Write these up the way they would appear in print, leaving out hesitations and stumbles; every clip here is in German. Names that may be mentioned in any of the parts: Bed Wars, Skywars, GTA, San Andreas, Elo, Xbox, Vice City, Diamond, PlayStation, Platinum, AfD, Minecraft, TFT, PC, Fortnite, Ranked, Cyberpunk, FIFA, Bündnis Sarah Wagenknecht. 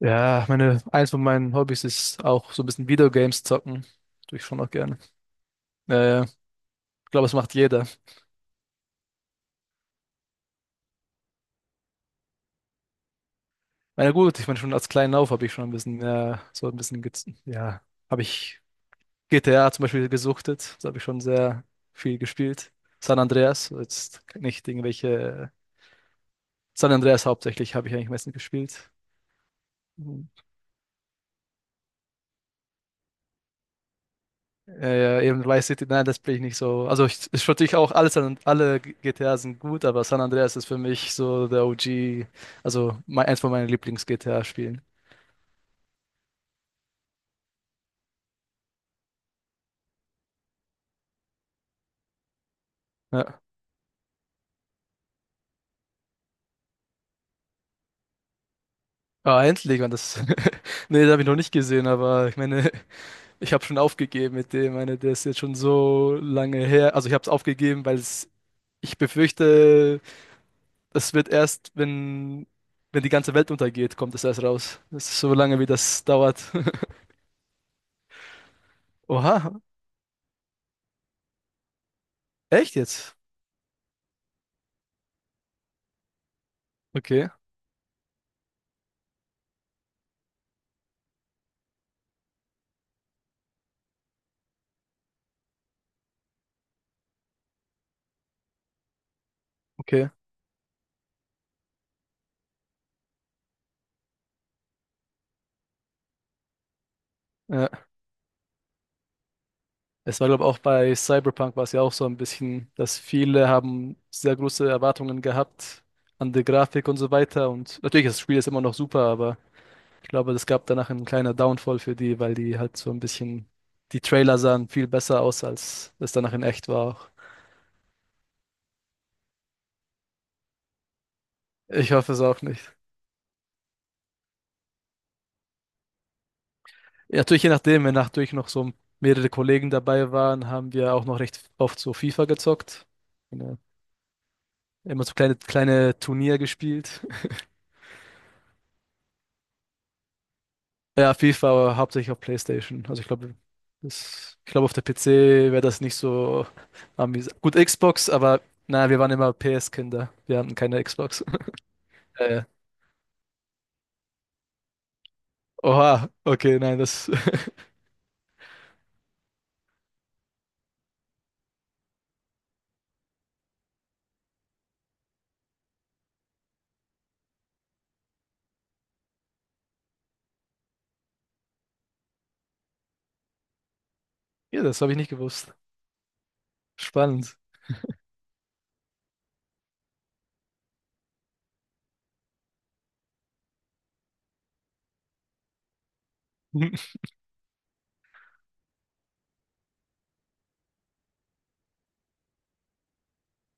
Ja, eins von meinen Hobbys ist auch so ein bisschen Videogames zocken. Tue ich schon auch gerne. Ich glaube, es macht jeder. Na ja, gut, ich meine, schon als kleinen Auf habe ich schon ein bisschen, ja, so ein bisschen, ja, habe ich GTA zum Beispiel gesuchtet. Das habe ich schon sehr viel gespielt. San Andreas, jetzt nicht irgendwelche, San Andreas hauptsächlich habe ich eigentlich meistens gespielt. Ja, ja, eben Vice City, nein, das bin ich nicht so. Also ich würde ich auch alles an alle GTA sind gut, aber San Andreas ist für mich so der OG, also eins von meinen Lieblings-GTA-Spielen. Ja. Ah, endlich, man, das. Nee, das habe ich noch nicht gesehen, aber ich meine, ich habe schon aufgegeben mit dem. Ich meine, der ist jetzt schon so lange her. Also ich habe es aufgegeben, weil es, ich befürchte, das wird erst, wenn, die ganze Welt untergeht, kommt es erst raus. Das ist so lange, wie das dauert. Oha, echt jetzt? Okay, okay. Ja, es war, glaube ich, auch bei Cyberpunk war es ja auch so ein bisschen, dass viele haben sehr große Erwartungen gehabt an die Grafik und so weiter. Und natürlich, das Spiel ist immer noch super, aber ich glaube, es gab danach einen kleinen Downfall für die, weil die halt so ein bisschen, die Trailer sahen viel besser aus, als es danach in echt war auch. Ich hoffe es auch nicht. Ja, natürlich, je nachdem, wenn natürlich noch so mehrere Kollegen dabei waren, haben wir auch noch recht oft so FIFA gezockt. Ja, immer so kleine, kleine Turnier gespielt. Ja, FIFA, aber hauptsächlich auf PlayStation. Also ich glaube, auf der PC wäre das nicht so amüsant. Gut, Xbox, aber naja, wir waren immer PS-Kinder. Wir hatten keine Xbox. Äh, oha, okay, nein, das. Ja, das habe ich nicht gewusst. Spannend.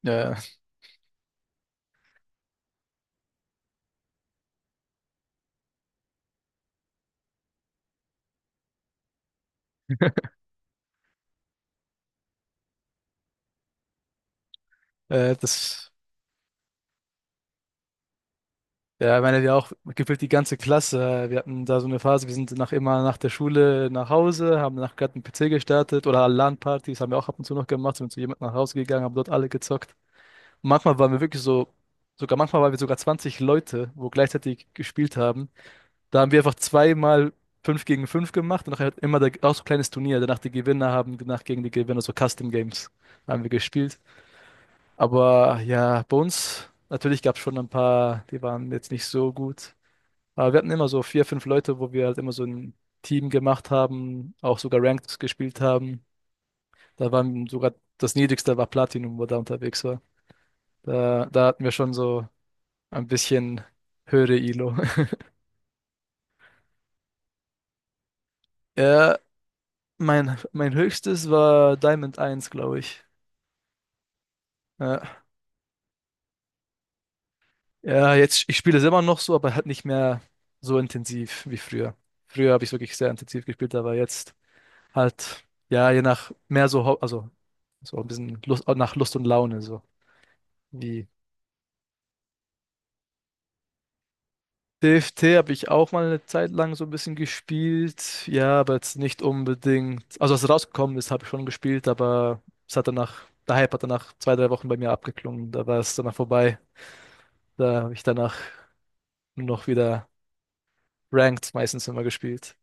Ja, äh, das, ja, ich meine, wir auch gefühlt die ganze Klasse. Wir hatten da so eine Phase, wir sind nach immer nach der Schule nach Hause, haben nach gerade einen PC gestartet oder LAN-Partys haben wir auch ab und zu noch gemacht, sind zu jemandem nach Hause gegangen, haben dort alle gezockt. Manchmal waren wir wirklich so, sogar manchmal waren wir sogar 20 Leute, wo gleichzeitig gespielt haben. Da haben wir einfach zweimal 5 gegen 5 gemacht und nachher hat immer der, auch so ein kleines Turnier. Danach die Gewinner haben danach gegen die Gewinner so Custom Games haben wir gespielt. Aber ja, bei uns natürlich gab es schon ein paar, die waren jetzt nicht so gut. Aber wir hatten immer so vier, fünf Leute, wo wir halt immer so ein Team gemacht haben, auch sogar Ranked gespielt haben. Da waren sogar das Niedrigste war Platinum, wo da unterwegs war. Da hatten wir schon so ein bisschen höhere Elo. Ja, mein höchstes war Diamond 1, glaube ich. Ja, ja, jetzt, ich spiele es immer noch so, aber halt nicht mehr so intensiv wie früher. Früher habe ich wirklich sehr intensiv gespielt, aber jetzt halt, ja, je nach mehr so, also so ein bisschen Lust, nach Lust und Laune, so wie. TFT habe ich auch mal eine Zeit lang so ein bisschen gespielt. Ja, aber jetzt nicht unbedingt. Also als es rausgekommen ist, habe ich schon gespielt, aber es hat danach, der Hype hat danach 2, 3 Wochen bei mir abgeklungen. Da war es danach vorbei. Da habe ich danach nur noch wieder Ranked meistens immer gespielt.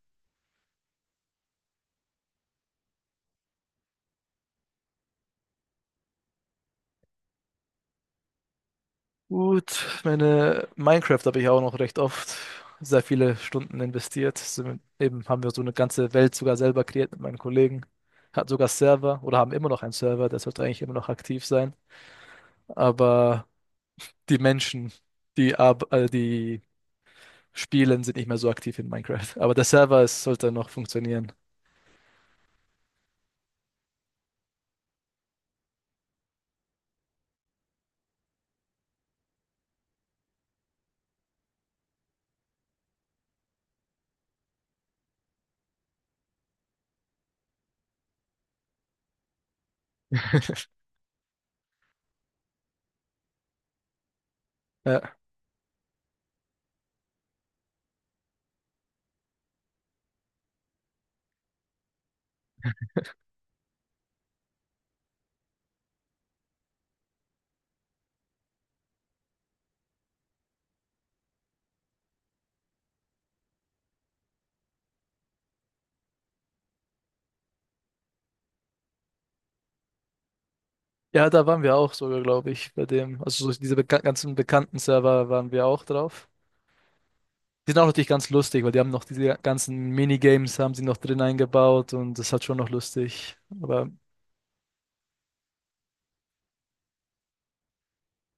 Gut, meine Minecraft habe ich auch noch recht oft sehr viele Stunden investiert. Eben haben wir so eine ganze Welt sogar selber kreiert mit meinen Kollegen. Hat sogar Server oder haben immer noch einen Server, der sollte eigentlich immer noch aktiv sein. Aber die Menschen, die spielen, sind nicht mehr so aktiv in Minecraft. Aber der Server, es sollte noch funktionieren. Ja. Ja, da waren wir auch sogar, glaube ich, bei dem. Also so diese beka ganzen bekannten Server waren wir auch drauf. Die sind auch natürlich ganz lustig, weil die haben noch diese ganzen Minigames haben sie noch drin eingebaut und das hat schon noch lustig. Aber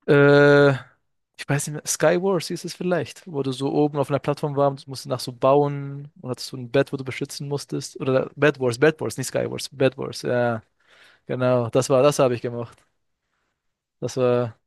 äh, ich weiß nicht mehr, Skywars hieß es vielleicht, wo du so oben auf einer Plattform warst, musst du nach so bauen und hattest so ein Bed, wo du beschützen musstest. Oder Bed Wars, Bed Wars, nicht Skywars, Bed Wars. Ja, genau, das war, das habe ich gemacht. Das war,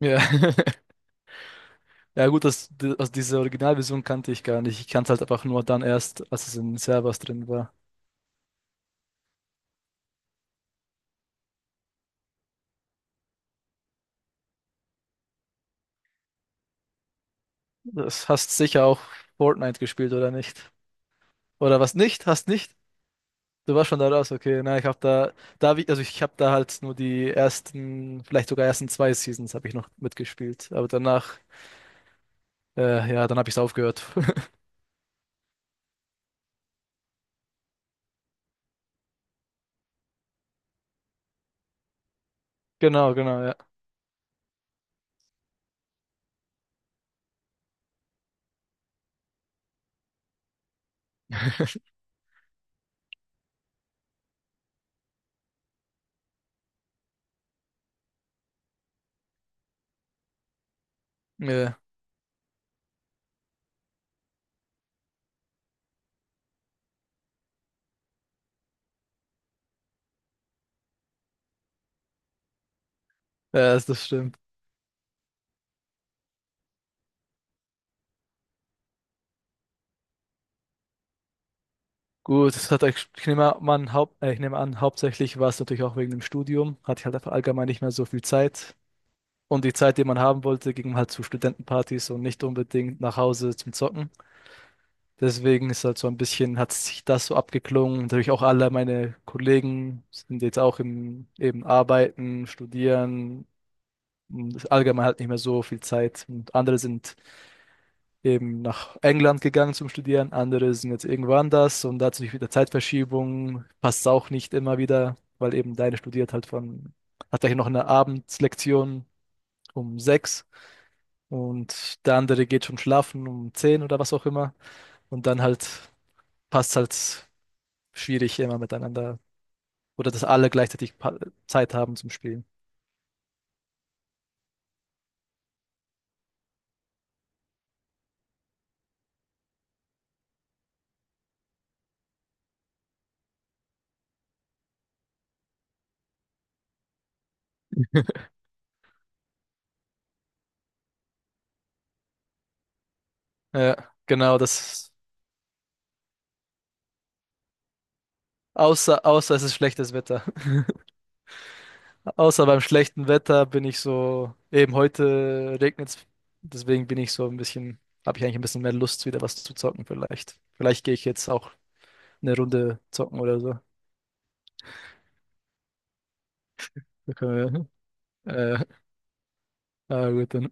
ja, ja gut, das, also diese Originalversion kannte ich gar nicht. Ich kannte halt einfach nur dann erst, als es in Servers drin war. Das hast sicher auch Fortnite gespielt, oder nicht? Oder was nicht? Hast nicht? Du warst schon da raus, okay. Na, ich habe da, da hab ich, also ich habe da halt nur die ersten, vielleicht sogar ersten zwei Seasons habe ich noch mitgespielt. Aber danach, ja, dann habe ich es aufgehört. Genau, genau, ja. Ja, ja, das stimmt. Gut, ich nehme an, ich nehme an, hauptsächlich war es natürlich auch wegen dem Studium. Hatte ich halt einfach allgemein nicht mehr so viel Zeit. Und die Zeit, die man haben wollte, ging halt zu Studentenpartys und nicht unbedingt nach Hause zum Zocken. Deswegen ist halt so ein bisschen, hat sich das so abgeklungen. Natürlich auch alle meine Kollegen sind jetzt auch eben arbeiten, studieren. Und allgemein halt nicht mehr so viel Zeit. Und andere sind eben nach England gegangen zum Studieren, andere sind jetzt irgendwo anders und dazu natürlich wieder Zeitverschiebung, passt auch nicht immer wieder, weil eben deine studiert halt von, hat gleich noch eine Abendslektion um 6 und der andere geht schon schlafen um 10 oder was auch immer und dann halt passt halt schwierig immer miteinander oder dass alle gleichzeitig Zeit haben zum Spielen. Ja, genau, außer es ist schlechtes Wetter. Außer beim schlechten Wetter bin ich so, eben heute regnet es, deswegen bin ich so ein bisschen, habe ich eigentlich ein bisschen mehr Lust, wieder was zu zocken vielleicht. Vielleicht gehe ich jetzt auch eine Runde zocken oder so. Da können wir, äh, ah, gut, dann